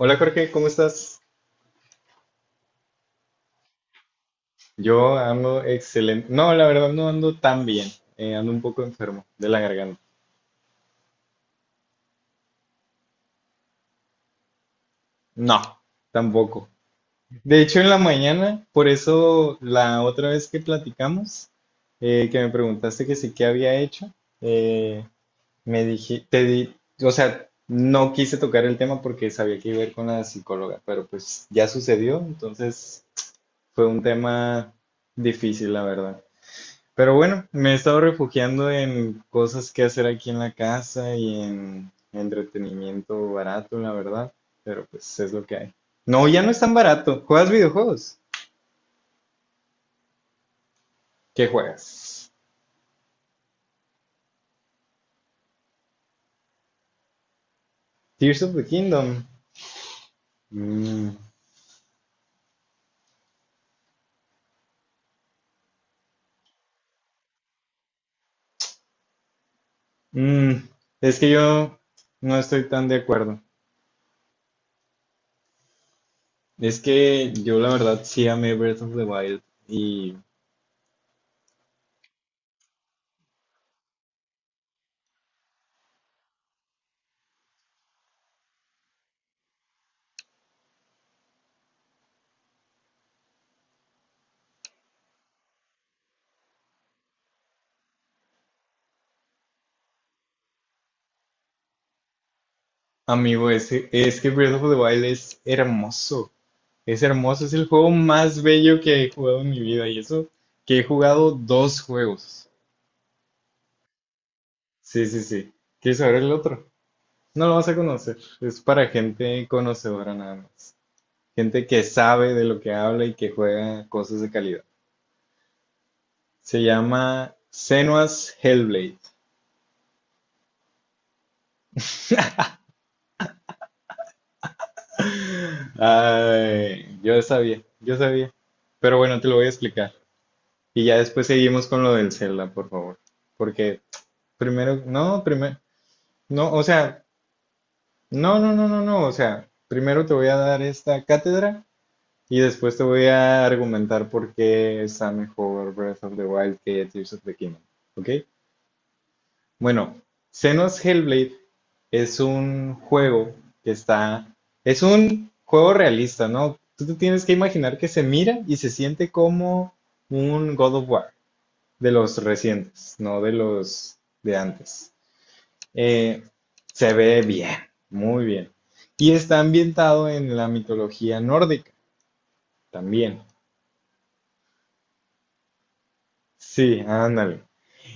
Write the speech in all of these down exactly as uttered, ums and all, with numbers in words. Hola Jorge, ¿cómo estás? Yo ando excelente. No, la verdad no ando tan bien. Eh, ando un poco enfermo de la garganta. No, tampoco. De hecho, en la mañana, por eso la otra vez que platicamos, eh, que me preguntaste que sí que había hecho, eh, me dije, te di, o sea, no quise tocar el tema porque sabía que iba a ir con la psicóloga, pero pues ya sucedió, entonces fue un tema difícil, la verdad. Pero bueno, me he estado refugiando en cosas que hacer aquí en la casa y en entretenimiento barato, la verdad. Pero pues es lo que hay. No, ya no es tan barato. ¿Juegas videojuegos? ¿Qué juegas? Tears of the Kingdom. Mm, mm, Es que yo no estoy tan de acuerdo. Es que yo la verdad sí amé Breath of the Wild. Y amigo, es, es que Breath of the Wild es hermoso. Es hermoso, es el juego más bello que he jugado en mi vida y eso que he jugado dos juegos. Sí, sí, sí. ¿Quieres saber el otro? No lo vas a conocer. Es para gente conocedora nada más. Gente que sabe de lo que habla y que juega cosas de calidad. Se llama Senua's Hellblade. Ay, yo sabía, yo sabía. Pero bueno, te lo voy a explicar. Y ya después seguimos con lo del Zelda, por favor. Porque primero, no, primero, no, o sea, no, no, no, no, no. O sea, primero te voy a dar esta cátedra y después te voy a argumentar por qué está mejor Breath of the Wild que Tears of the Kingdom. ¿Ok? Bueno, Xenos Hellblade es un juego que está. Es un juego realista, ¿no? Tú te tienes que imaginar que se mira y se siente como un God of War de los recientes, no de los de antes. Eh, Se ve bien, muy bien. Y está ambientado en la mitología nórdica, también. Sí, ándale.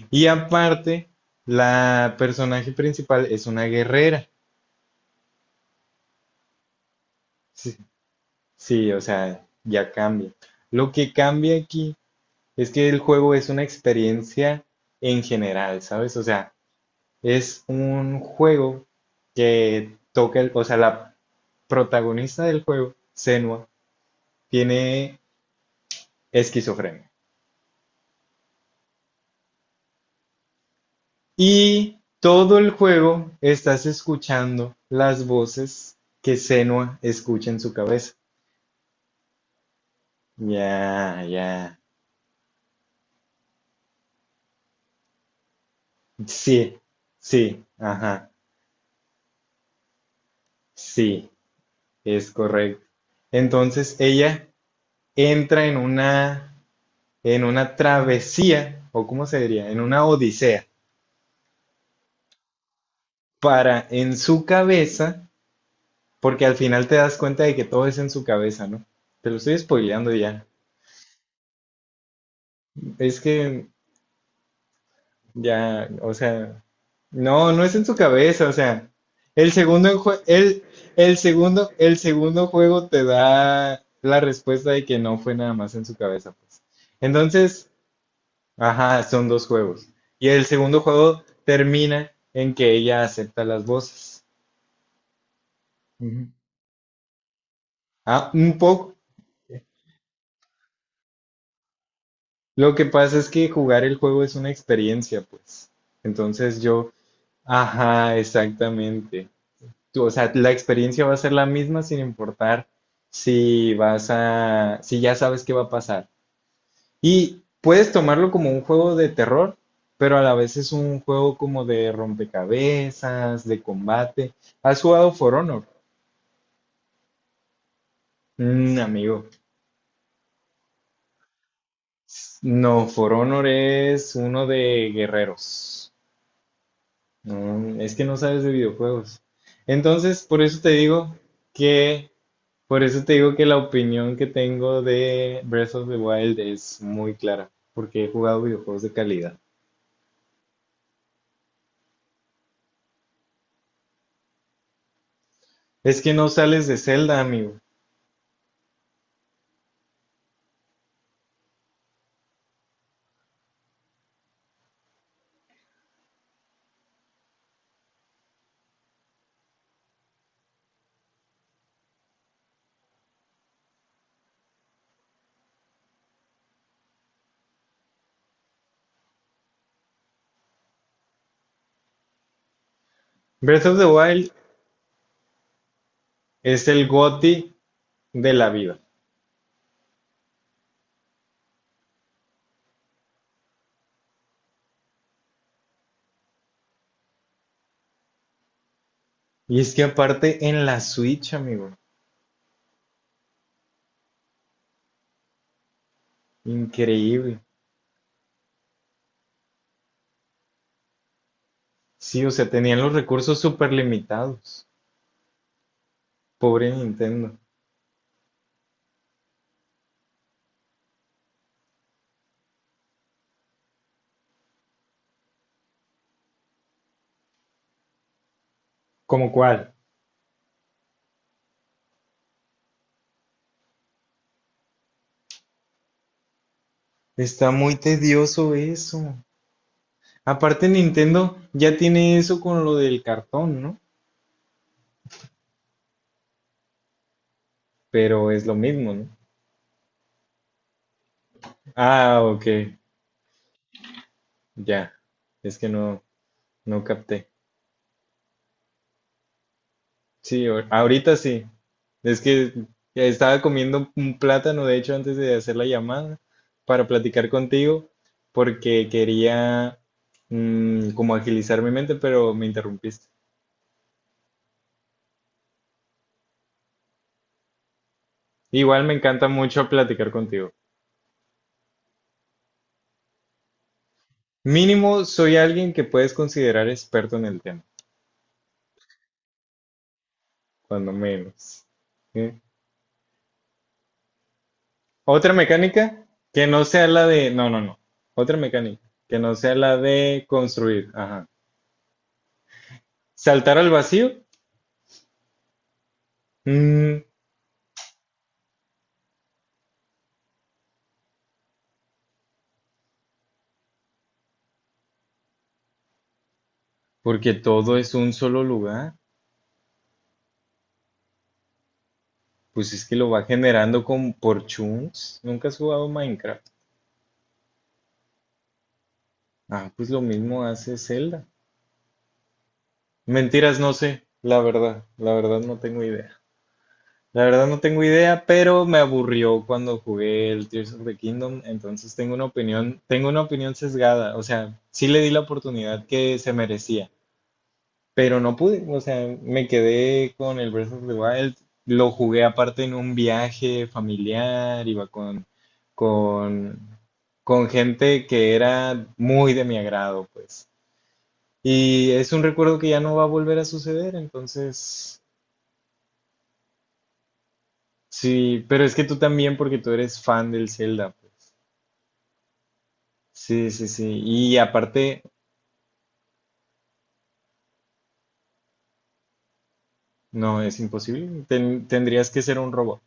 Y aparte, la personaje principal es una guerrera. Sí, sí, o sea, ya cambia. Lo que cambia aquí es que el juego es una experiencia en general, ¿sabes? O sea, es un juego que toca el, o sea, la protagonista del juego, Senua, tiene esquizofrenia. Y todo el juego estás escuchando las voces que Senua escucha en su cabeza. Ya, ya. Sí, sí, ajá, sí, es correcto. Entonces ella entra en una, en una travesía, o cómo se diría, en una odisea, para en su cabeza, porque al final te das cuenta de que todo es en su cabeza, ¿no? Te lo estoy spoileando ya. Es que ya, o sea, no, no es en su cabeza, o sea, el segundo, enjue- el, el segundo, el segundo juego te da la respuesta de que no fue nada más en su cabeza, pues. Entonces, ajá, son dos juegos. Y el segundo juego termina en que ella acepta las voces. Ujú. Ah, un poco. Lo que pasa es que jugar el juego es una experiencia, pues. Entonces yo, ajá, exactamente. Tú, o sea, la experiencia va a ser la misma sin importar si vas a, si ya sabes qué va a pasar. Y puedes tomarlo como un juego de terror, pero a la vez es un juego como de rompecabezas, de combate. ¿Has jugado For Honor? Mm, amigo, no, For Honor es uno de guerreros. Mm, es que no sabes de videojuegos. Entonces, por eso te digo que por eso te digo que la opinión que tengo de Breath of the Wild es muy clara, porque he jugado videojuegos de calidad. Es que no sales de Zelda, amigo. Breath of the Wild es el G O T Y de la vida. Y es que aparte en la Switch, amigo, increíble. Sí, o sea, tenían los recursos súper limitados. Pobre Nintendo. ¿Como cuál? Está muy tedioso eso. Aparte Nintendo ya tiene eso con lo del cartón, ¿no? Pero es lo mismo, ¿no? Ah, ok, ya. Es que no, no capté. Sí, ahor- ahorita sí. Es que estaba comiendo un plátano, de hecho, antes de hacer la llamada para platicar contigo, porque quería mm, como agilizar mi mente, pero me interrumpiste. Igual me encanta mucho platicar contigo. Mínimo, soy alguien que puedes considerar experto en el tema, cuando menos. ¿Sí? Otra mecánica que no sea la de... No, no, no. Otra mecánica que no sea la de construir. Ajá. Saltar al vacío. Mm, porque todo es un solo lugar. Pues es que lo va generando con, por chunks. ¿Nunca has jugado Minecraft? Ah, pues lo mismo hace Zelda. Mentiras, no sé. La verdad, la verdad no tengo idea. La verdad no tengo idea, pero me aburrió cuando jugué el Tears of the Kingdom, entonces tengo una opinión, tengo una opinión sesgada, o sea, sí le di la oportunidad que se merecía, pero no pude, o sea, me quedé con el Breath of the Wild, lo jugué aparte en un viaje familiar, iba con con con gente que era muy de mi agrado, pues. Y es un recuerdo que ya no va a volver a suceder, entonces sí, pero es que tú también, porque tú eres fan del Zelda, pues. Sí, sí, sí. Y aparte, no, es imposible. Ten- tendrías que ser un robot.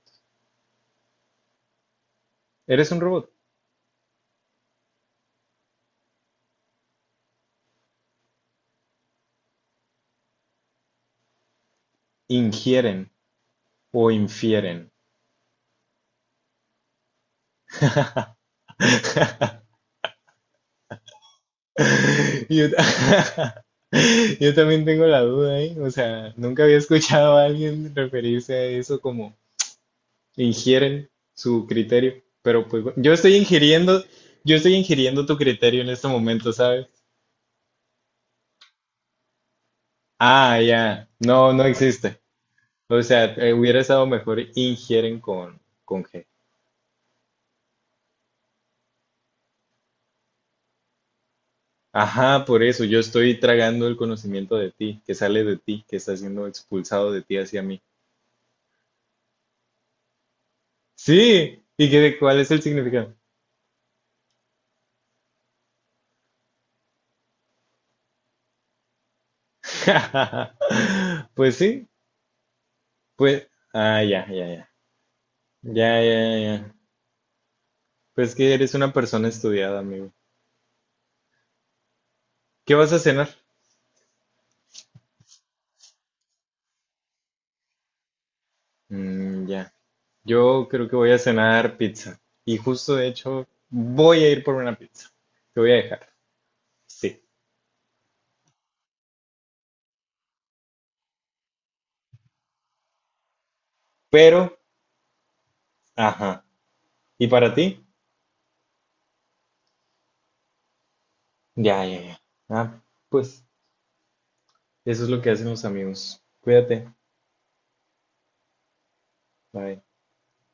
¿Eres un robot? Ingieren o infieren. Yo, ta- yo también tengo la duda, ¿eh? O sea, nunca había escuchado a alguien referirse a eso como ingieren su criterio. Pero pues bueno, yo estoy ingiriendo, yo estoy ingiriendo tu criterio en este momento, ¿sabes? Ah, ya. No, no existe. O sea, eh, hubiera estado mejor ingieren con, con G. Ajá, por eso yo estoy tragando el conocimiento de ti, que sale de ti, que está siendo expulsado de ti hacia mí. Sí, ¿y qué, cuál es el significado? Pues sí, pues, ah, ya, ya, ya, ya, ya, ya. Pues que eres una persona estudiada, amigo. ¿Qué vas a cenar? Mm, ya, yo creo que voy a cenar pizza. Y justo de hecho, voy a ir por una pizza. Te voy a dejar, sí. Pero ajá. ¿Y para ti? Ya, ya, ya. Ah, pues eso es lo que hacen los amigos. Cuídate. Bye.